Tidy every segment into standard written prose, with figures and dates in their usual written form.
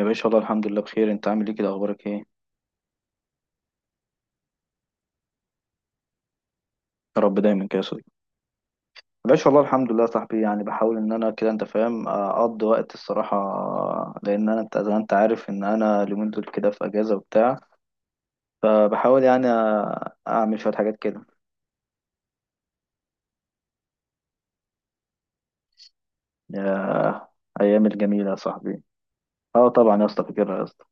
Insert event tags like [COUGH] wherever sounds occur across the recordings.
يا باشا والله الحمد لله بخير، انت عامل ايه كده؟ اخبارك ايه؟ يا رب دايما كده يا صديقي. يا باشا والله الحمد لله يا صاحبي، يعني بحاول ان انا كده انت فاهم اقضي وقت الصراحه، لان انا انت زي ما انت عارف ان انا اليومين دول كده في اجازه وبتاع، فبحاول يعني اعمل شويه حاجات كده. يا ايام الجميله يا صاحبي، اه طبعا يا اسطى فاكرها يا اسطى.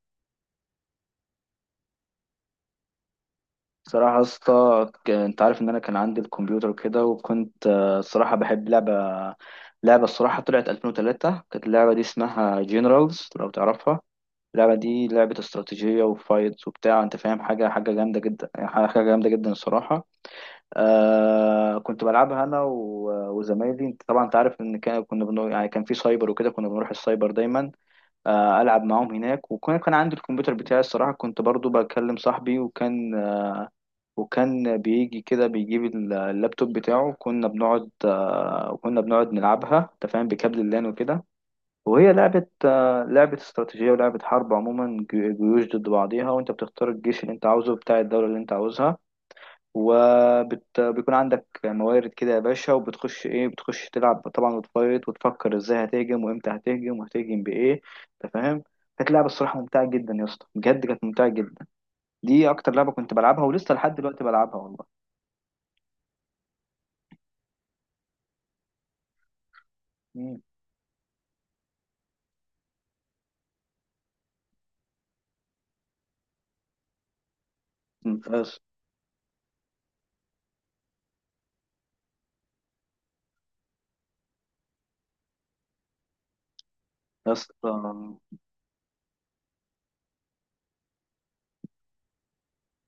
الصراحه يا اسطى انت عارف ان انا كان عندي الكمبيوتر وكده، وكنت الصراحه بحب لعبه. الصراحه طلعت 2003، كانت اللعبه دي اسمها جنرالز لو تعرفها. اللعبة دي لعبة استراتيجية وفايتس وبتاع انت فاهم، حاجة حاجة جامدة جدا يعني، حاجة جامدة جدا الصراحة. آه كنت بلعبها انا وزمايلي، انت طبعا انت عارف ان كنا يعني كان في سايبر وكده، كنا بنروح السايبر دايما، آه العب معاهم هناك. كان عندي الكمبيوتر بتاعي الصراحة، كنت برضو بكلم صاحبي وكان بيجي كده، بيجيب اللابتوب بتاعه. كنا بنقعد نلعبها انت فاهم بكابل اللان وكده. وهي لعبة لعبة استراتيجية ولعبة حرب عموما، جيوش ضد بعضيها، وانت بتختار الجيش اللي انت عاوزه بتاع الدولة اللي انت عاوزها. وبيكون عندك موارد كده يا باشا، وبتخش ايه، بتخش تلعب طبعا وتفايت وتفكر ازاي هتهجم وامتى هتهجم وهتهجم بايه انت فاهم. كانت لعبة الصراحة ممتعة جدا يا اسطى، بجد كانت ممتعة جدا. دي اكتر لعبة كنت بلعبها ولسه لحد دلوقتي بلعبها والله. مم. يا اسطى، يا اسطى، [LAUGHS]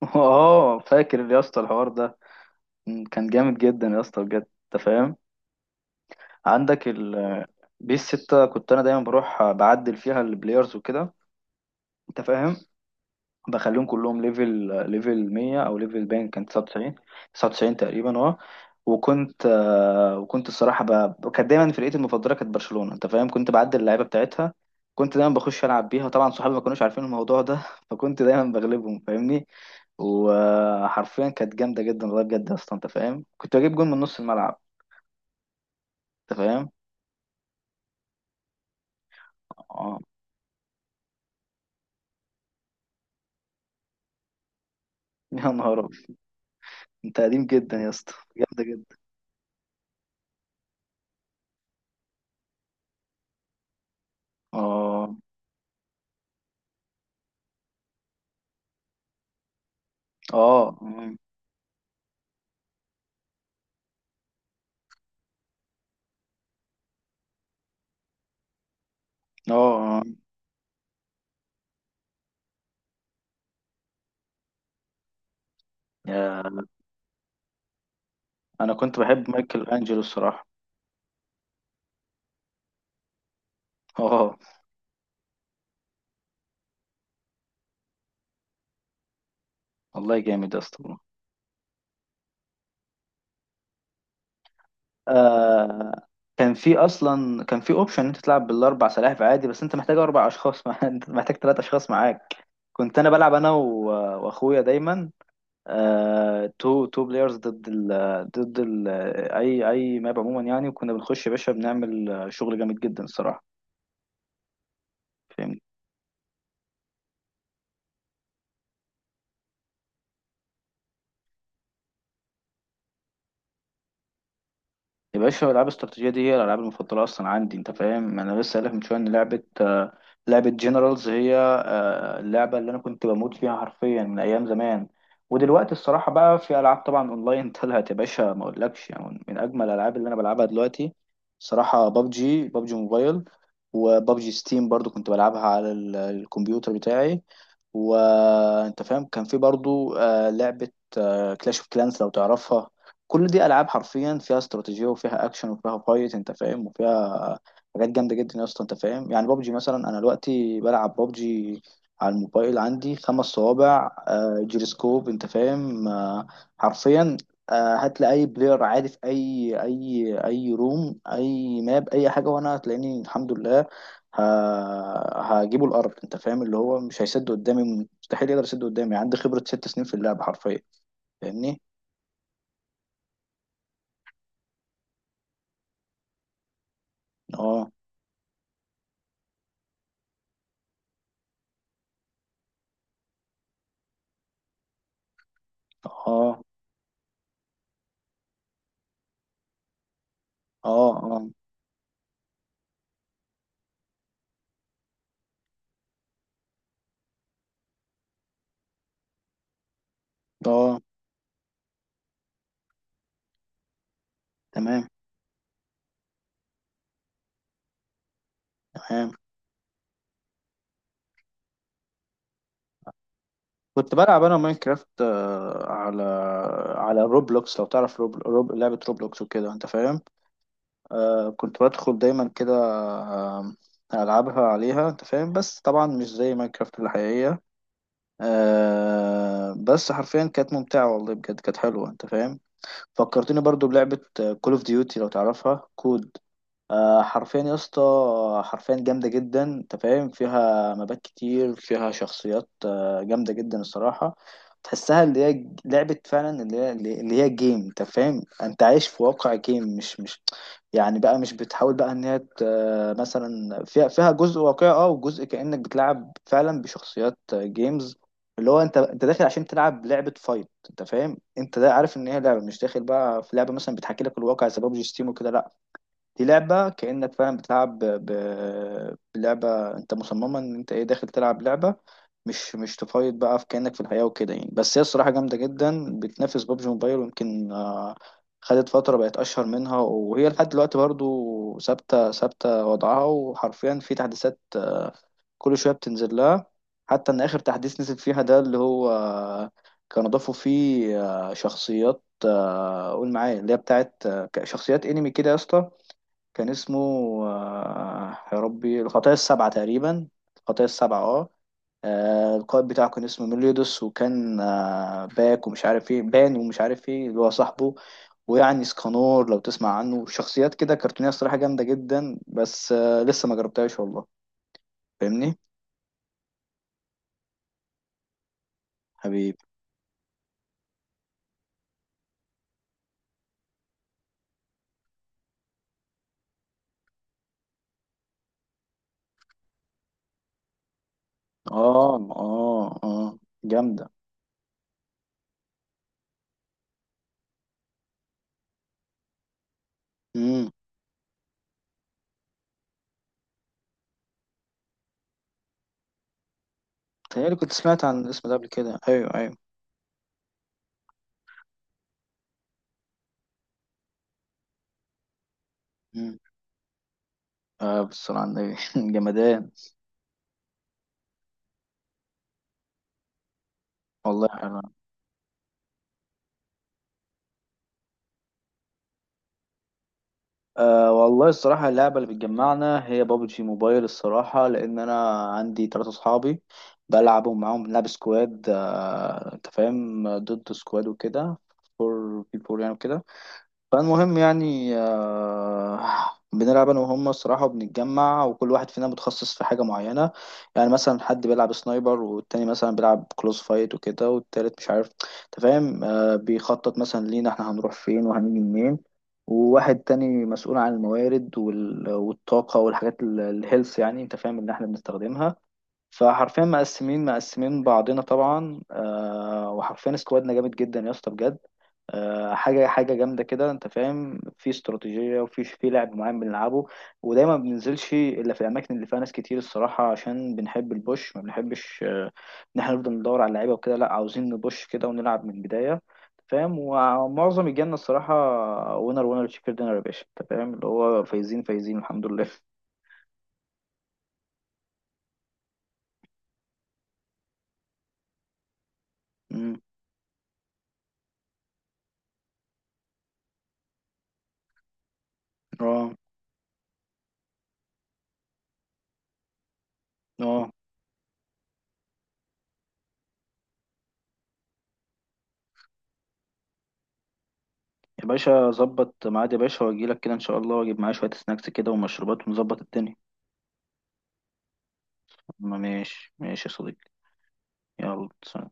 اه فاكر يا اسطى الحوار ده. كان جامد جدا يا اسطى بجد، انت فاهم. عندك ال بيس 6، كنت انا دايما بروح بعدل فيها البلايرز وكده انت فاهم. بخليهم كلهم ليفل، ليفل 100، او ليفل باين كان 99. 99 تقريبا اه. وكنت آه، وكنت الصراحه كانت دايما فرقتي المفضله كانت برشلونه انت فاهم، كنت بعدل اللعيبه بتاعتها. كنت دايما بخش العب بيها طبعا، صحابي ما كانوش عارفين الموضوع ده [LAUGHS] فكنت دايما بغلبهم فاهمني. وحرفيا كانت جامده جدا والله بجد، اصلا انت فاهم كنت بجيب جون من نص الملعب انت فاهم. اه [LAUGHS] يا نهار، انت قديم جدا يا اسطى، جامدة جدا. اه اه اه اه يا، انا كنت بحب مايكل انجلو الصراحة. [LAUGHS] اه والله جامد يا اسطى والله. آه كان في اصلا كان في اوبشن ان انت تلعب بالاربع سلاحف عادي، بس انت محتاج اربع اشخاص [LAUGHS] انت محتاج ثلاث اشخاص معاك. كنت بلعب انا واخويا دايما، آه تو بلايرز ضد ضد ال... اي ماب عموما يعني. وكنا بنخش يا باشا، بنعمل شغل جامد جدا الصراحة فاهمني. يا باشا الالعاب الاستراتيجيه دي هي الالعاب المفضله اصلا عندي انت فاهم، انا لسه قايل لك من شويه ان لعبه لعبه جنرالز هي اللعبه اللي انا كنت بموت فيها حرفيا من ايام زمان. ودلوقتي الصراحه بقى في العاب طبعا اونلاين [LAUGHS] طلعت يا باشا، ما اقولكش يعني، من اجمل الالعاب اللي انا بلعبها دلوقتي صراحه بابجي بابجي موبايل. وبابجي ستيم برضو كنت بلعبها على الكمبيوتر بتاعي. وانت فاهم كان في برضو لعبه كلاش اوف كلانس لو تعرفها. كل دي العاب حرفيا فيها استراتيجيه وفيها اكشن وفيها فايت انت فاهم، وفيها حاجات جامده جدا يا اسطى انت فاهم. يعني بابجي مثلا انا دلوقتي بلعب بابجي على الموبايل، عندي خمس صوابع جيروسكوب، انت فاهم، آه، حرفيا آه، هات لي اي بلاير عادي في اي روم اي ماب اي حاجه، وانا هتلاقيني الحمد لله، هجيبه الارض. انت فاهم اللي هو مش هيسد قدامي، مستحيل يقدر يسد قدامي، عندي خبره 6 سنين في اللعبه حرفيا. فاهمني. اه اه اه اه اه. تمام تمام. كنت بلعب انا ماينكرافت على، على روبلوكس لو تعرف لعبة روبلوكس وكده انت فاهم. آه كنت بدخل دايما كده، آه، العبها عليها انت فاهم، بس طبعا مش زي ماينكرافت الحقيقية. آه بس حرفيا كانت ممتعة والله بجد، كانت حلوة انت فاهم. فكرتني برضو بلعبة كول اوف ديوتي لو تعرفها، كود. حرفيا يا اسطى حرفيا جامدة جدا انت فاهم، فيها مبات كتير، فيها شخصيات جامدة جدا الصراحة. تحسها اللي هي لعبة فعلا اللي هي جيم انت فاهم، انت عايش في واقع جيم، مش يعني بقى، مش بتحاول بقى ان هي مثلا فيها جزء واقعي اه، وجزء كأنك بتلعب فعلا بشخصيات جيمز. اللي هو انت داخل عشان تلعب لعبة فايت، انت فاهم، انت ده عارف ان هي لعبة، مش داخل بقى في لعبة مثلا بتحكي لك الواقع زي بابجي ستيم وكده، لا. دي لعبة كأنك فاهم بتلعب بلعبة، انت مصممة ان انت ايه، داخل تلعب لعبة، مش تفايض بقى في، كأنك في الحياة وكده يعني. بس هي الصراحة جامدة جدا، بتنافس بابجي موبايل ويمكن خدت فترة بقت أشهر منها، وهي لحد دلوقتي برضو ثابتة ثابتة وضعها، وحرفيا في تحديثات كل شوية بتنزل لها. حتى إن آخر تحديث نزل فيها ده اللي هو كانوا ضافوا فيه شخصيات قول معايا اللي هي بتاعت شخصيات انمي كده يا اسطى. كان اسمه يا ربي الخطايا السبعة تقريبا، الخطايا السبعة اه. القائد بتاعه كان اسمه ميليودوس، وكان باك ومش عارف ايه، بان ومش عارف ايه اللي هو صاحبه، ويعني اسكانور لو تسمع عنه، شخصيات كده كرتونية الصراحة جامدة جدا، بس لسه ما جربتهاش والله فاهمني. حبيبي. اه اه اه جامدة. امم. تهيألي كنت سمعت عن الاسم ده قبل كده، ايوه ايوه. امم. آه بالصلاة على النبي [LAUGHS] جمدان والله. أه والله الصراحة اللعبة اللي بتجمعنا هي بابجي موبايل الصراحة، لأن أنا عندي تلاتة صحابي بلعبهم معاهم، بنلعب سكواد أه أنت فاهم، ضد سكواد وكده، فور في فور يعني وكده. فالمهم يعني بنلعب انا وهم الصراحه، وبنتجمع، وكل واحد فينا متخصص في حاجه معينه. يعني مثلا حد بيلعب سنايبر، والتاني مثلا بيلعب كلوز فايت وكده، والتالت مش عارف انت فاهم، بيخطط مثلا لينا احنا هنروح فين وهنيجي منين. وواحد تاني مسؤول عن الموارد والطاقه والحاجات الهيلث يعني انت فاهم ان احنا بنستخدمها. فحرفيا مقسمين مقسمين بعضنا طبعا آه، وحرفيا سكوادنا جامد جدا يا اسطى بجد. آه حاجه حاجه جامده كده انت فاهم، في استراتيجيه، في لعب معين بنلعبه. ودايما ما بننزلش الا في الاماكن اللي فيها ناس كتير الصراحه، عشان بنحب البوش، ما بنحبش ان احنا نفضل ندور على اللعيبه وكده، لا عاوزين نبوش كده ونلعب من البدايه. فاهم. ومعظم الجنة الصراحة وينر وينر تشيكن دينر يا باشا انت فاهم اللي هو فايزين فايزين الحمد لله [LAUGHS] امم. اه اه يا باشا ظبط ميعاد يا باشا، واجي لك كده ان شاء الله، واجيب معايا شوية سناكس كده ومشروبات ونظبط الدنيا. ماشي ماشي يا صديقي، يلا سلام.